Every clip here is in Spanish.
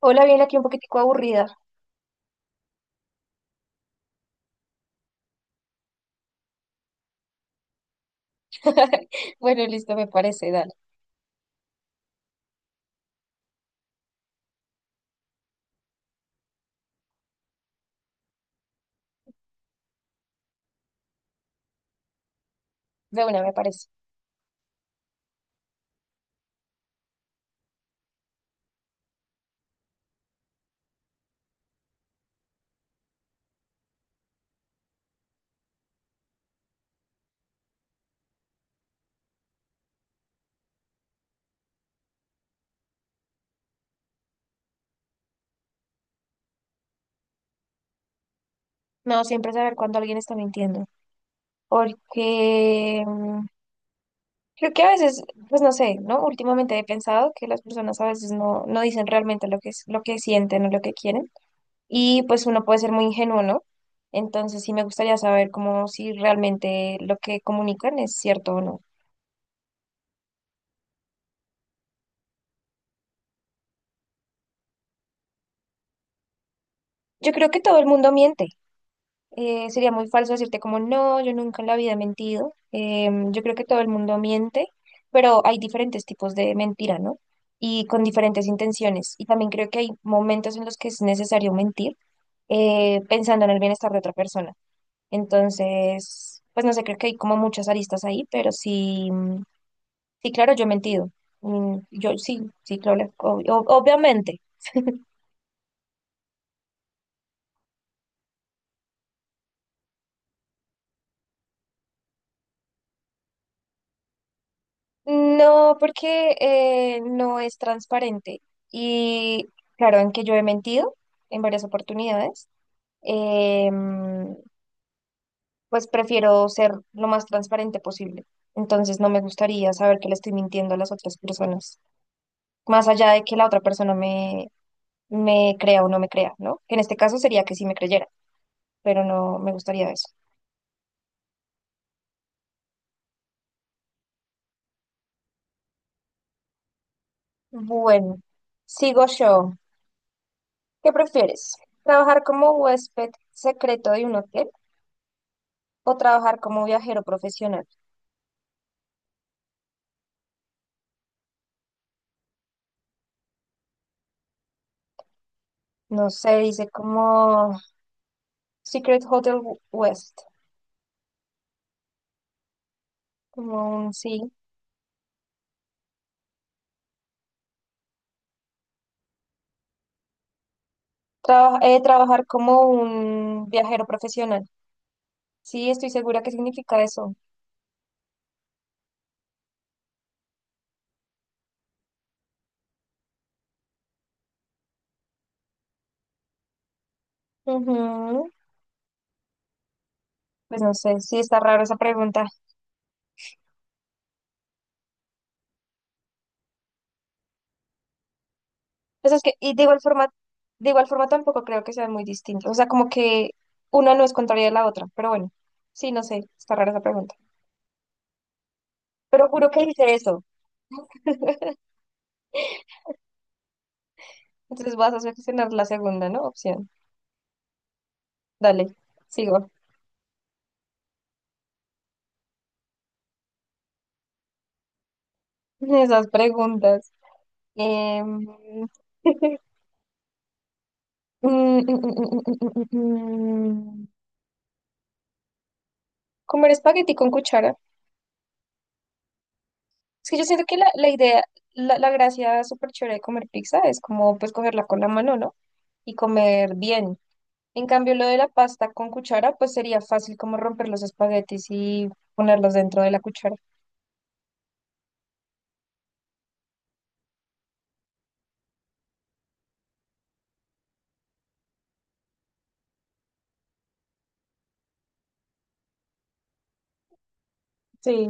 Hola, bien, aquí un poquitico aburrida. Bueno, listo, me parece, dale. De una, me parece. Me hago siempre saber cuando alguien está mintiendo. Porque creo que a veces, pues no sé, ¿no? Últimamente he pensado que las personas a veces no dicen realmente lo que, lo que sienten o lo que quieren. Y pues uno puede ser muy ingenuo, ¿no? Entonces sí me gustaría saber cómo si realmente lo que comunican es cierto o no. Yo creo que todo el mundo miente. Sería muy falso decirte como no, yo nunca en la vida he mentido. Yo creo que todo el mundo miente, pero hay diferentes tipos de mentira, ¿no? Y con diferentes intenciones. Y también creo que hay momentos en los que es necesario mentir, pensando en el bienestar de otra persona. Entonces, pues no sé, creo que hay como muchas aristas ahí, pero sí, claro, yo he mentido. Yo sí, sí, claro, obviamente. No, porque no es transparente. Y claro, en que yo he mentido en varias oportunidades, em, pues prefiero ser lo más transparente posible. Entonces no me gustaría saber que le estoy mintiendo a las otras personas, más allá de que la otra persona me crea o no me crea, ¿no? Que en este caso sería que sí me creyera, pero no me gustaría eso. Bueno, sigo yo. ¿Qué prefieres? ¿Trabajar como huésped secreto de un hotel o trabajar como viajero profesional? No sé, dice como Secret Hotel West, como un sí. Trabajar como un viajero profesional. Sí, estoy segura que significa eso. Ujú. Pues no sé, sí está raro esa pregunta. Pues es que, y de igual forma tampoco creo que sean muy distintos. O sea, como que una no es contraria a la otra, pero bueno, sí, no sé, está rara esa pregunta. Pero juro que hice eso. Entonces vas a seleccionar la segunda, ¿no? Opción. Dale, sigo. Esas preguntas. Em, mm, mm, mm, mm, mm, mm. mm. mm. Comer espagueti con cuchara. Es que yo siento que la idea, la gracia súper chévere de comer pizza es como pues cogerla con la mano, ¿no? Y comer bien. En cambio, lo de la pasta con cuchara, pues sería fácil como romper los espaguetis y ponerlos dentro de la cuchara. Sí,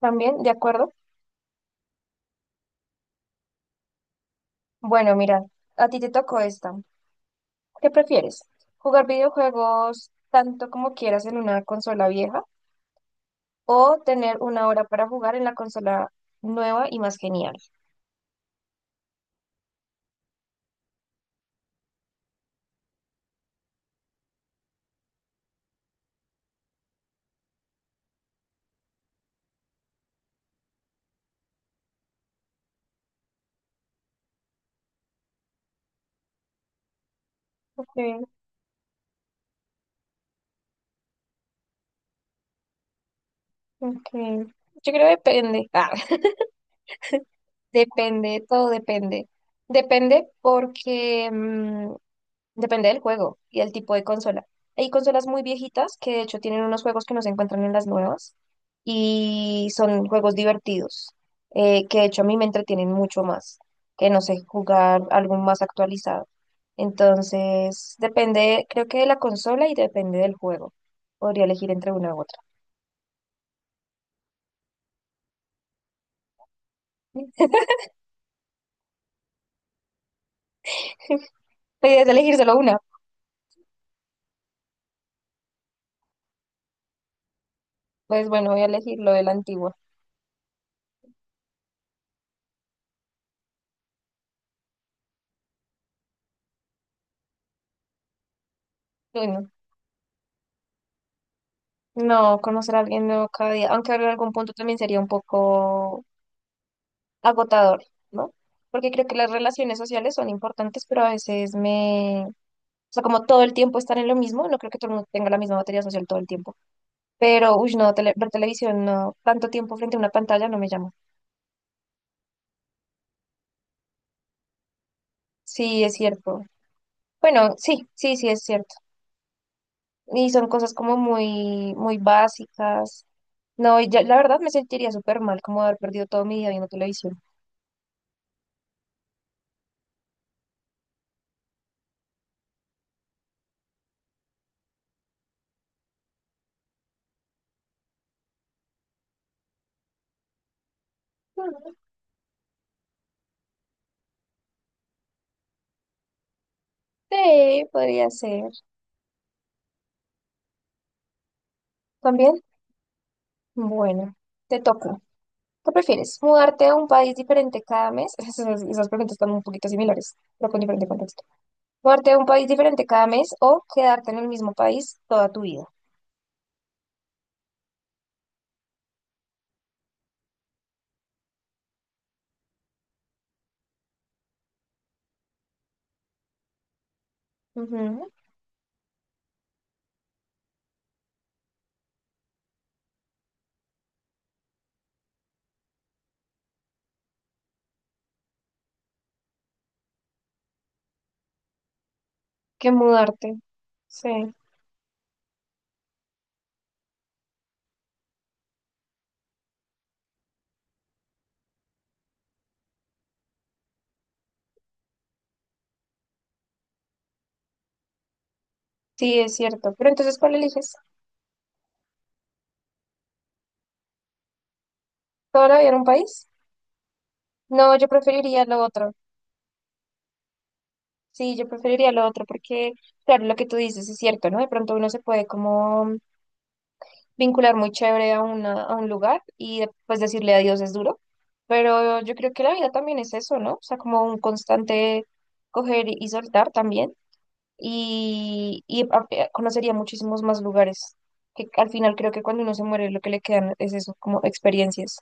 también, de acuerdo. Bueno, mira, a ti te tocó esta. ¿Qué prefieres? ¿Jugar videojuegos tanto como quieras en una consola vieja o tener una hora para jugar en la consola nueva y más genial? Okay, okay. Yo creo que depende. Ah, depende, todo depende. Depende porque Depende del juego y el tipo de consola. Hay consolas muy viejitas que de hecho tienen unos juegos que no se encuentran en las nuevas y son juegos divertidos, que de hecho a mí me entretienen mucho más que, no sé, jugar algo más actualizado. Entonces, depende, creo que de la consola y depende del juego. Podría elegir entre una u otra. Podrías elegir solo una. Pues bueno, voy a elegir lo de la antigua. Bueno, no, no, conocer a alguien nuevo cada día, aunque en algún punto también sería un poco agotador, ¿no? Porque creo que las relaciones sociales son importantes, pero a veces me... O sea, como todo el tiempo estar en lo mismo, no creo que todo el mundo tenga la misma batería social todo el tiempo. Pero, uy, no, ver televisión, no, tanto tiempo frente a una pantalla no me llama. Sí, es cierto. Bueno, sí, sí, sí, es cierto. Y son cosas como muy, muy básicas. No, y ya, la verdad me sentiría súper mal como haber perdido todo mi día viendo televisión. Mm, Sí, podría ser. ¿También? Bueno, te toca. ¿Qué prefieres? ¿Mudarte a un país diferente cada mes? Esas, esas preguntas están un poquito similares, pero con diferente contexto. ¿Mudarte a un país diferente cada mes o quedarte en el mismo país toda tu vida? Ujú. Que mudarte. Sí, sí, es cierto. Pero entonces, ¿cuál eliges? ¿Toda la vida en un país? No, yo preferiría lo otro. Sí, yo preferiría lo otro porque, claro, lo que tú dices es cierto, ¿no? De pronto uno se puede como vincular muy chévere a, a un lugar y pues decirle adiós es duro, pero yo creo que la vida también es eso, ¿no? O sea, como un constante coger y soltar también y conocería muchísimos más lugares, que al final creo que cuando uno se muere lo que le quedan es eso, como experiencias.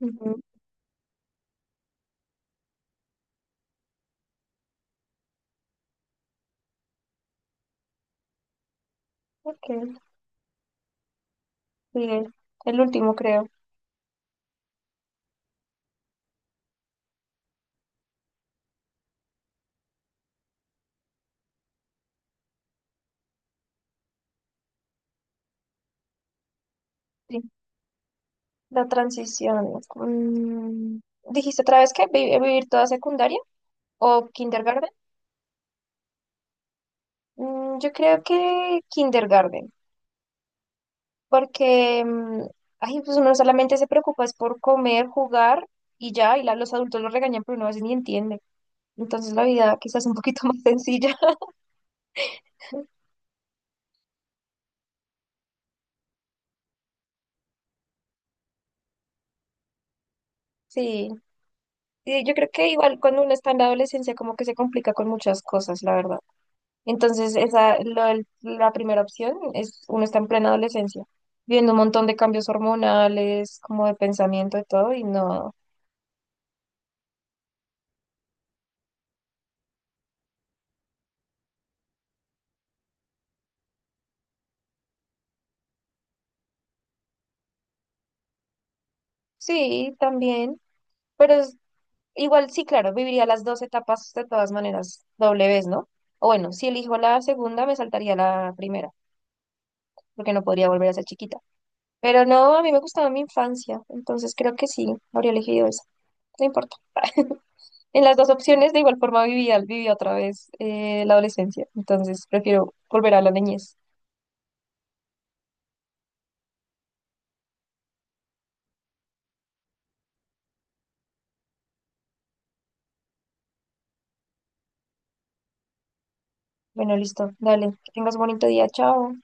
Ujú. Ok, sigue. El último creo. Sí. La transición. Mm, ¿dijiste otra vez que vivir toda secundaria o kindergarten? Mm, yo creo que kindergarten. Porque ay, pues uno solamente se preocupa es por comer, jugar y ya, y los adultos lo regañan, pero uno a veces ni entiende. Entonces la vida quizás un poquito más sencilla. Sí, sí, yo creo que igual cuando uno está en la adolescencia como que se complica con muchas cosas, la verdad. Entonces esa, la primera opción es uno está en plena adolescencia, viendo un montón de cambios hormonales, como de pensamiento y todo, y no, sí, también. Pero igual, sí, claro, viviría las dos etapas de todas maneras, doble vez, ¿no? O bueno, si elijo la segunda, me saltaría la primera, porque no podría volver a ser chiquita. Pero no, a mí me gustaba mi infancia, entonces creo que sí, habría elegido esa. No importa. En las dos opciones, de igual forma, viví otra vez la adolescencia, entonces prefiero volver a la niñez. Bueno, listo, dale, que tengas un bonito día, chao.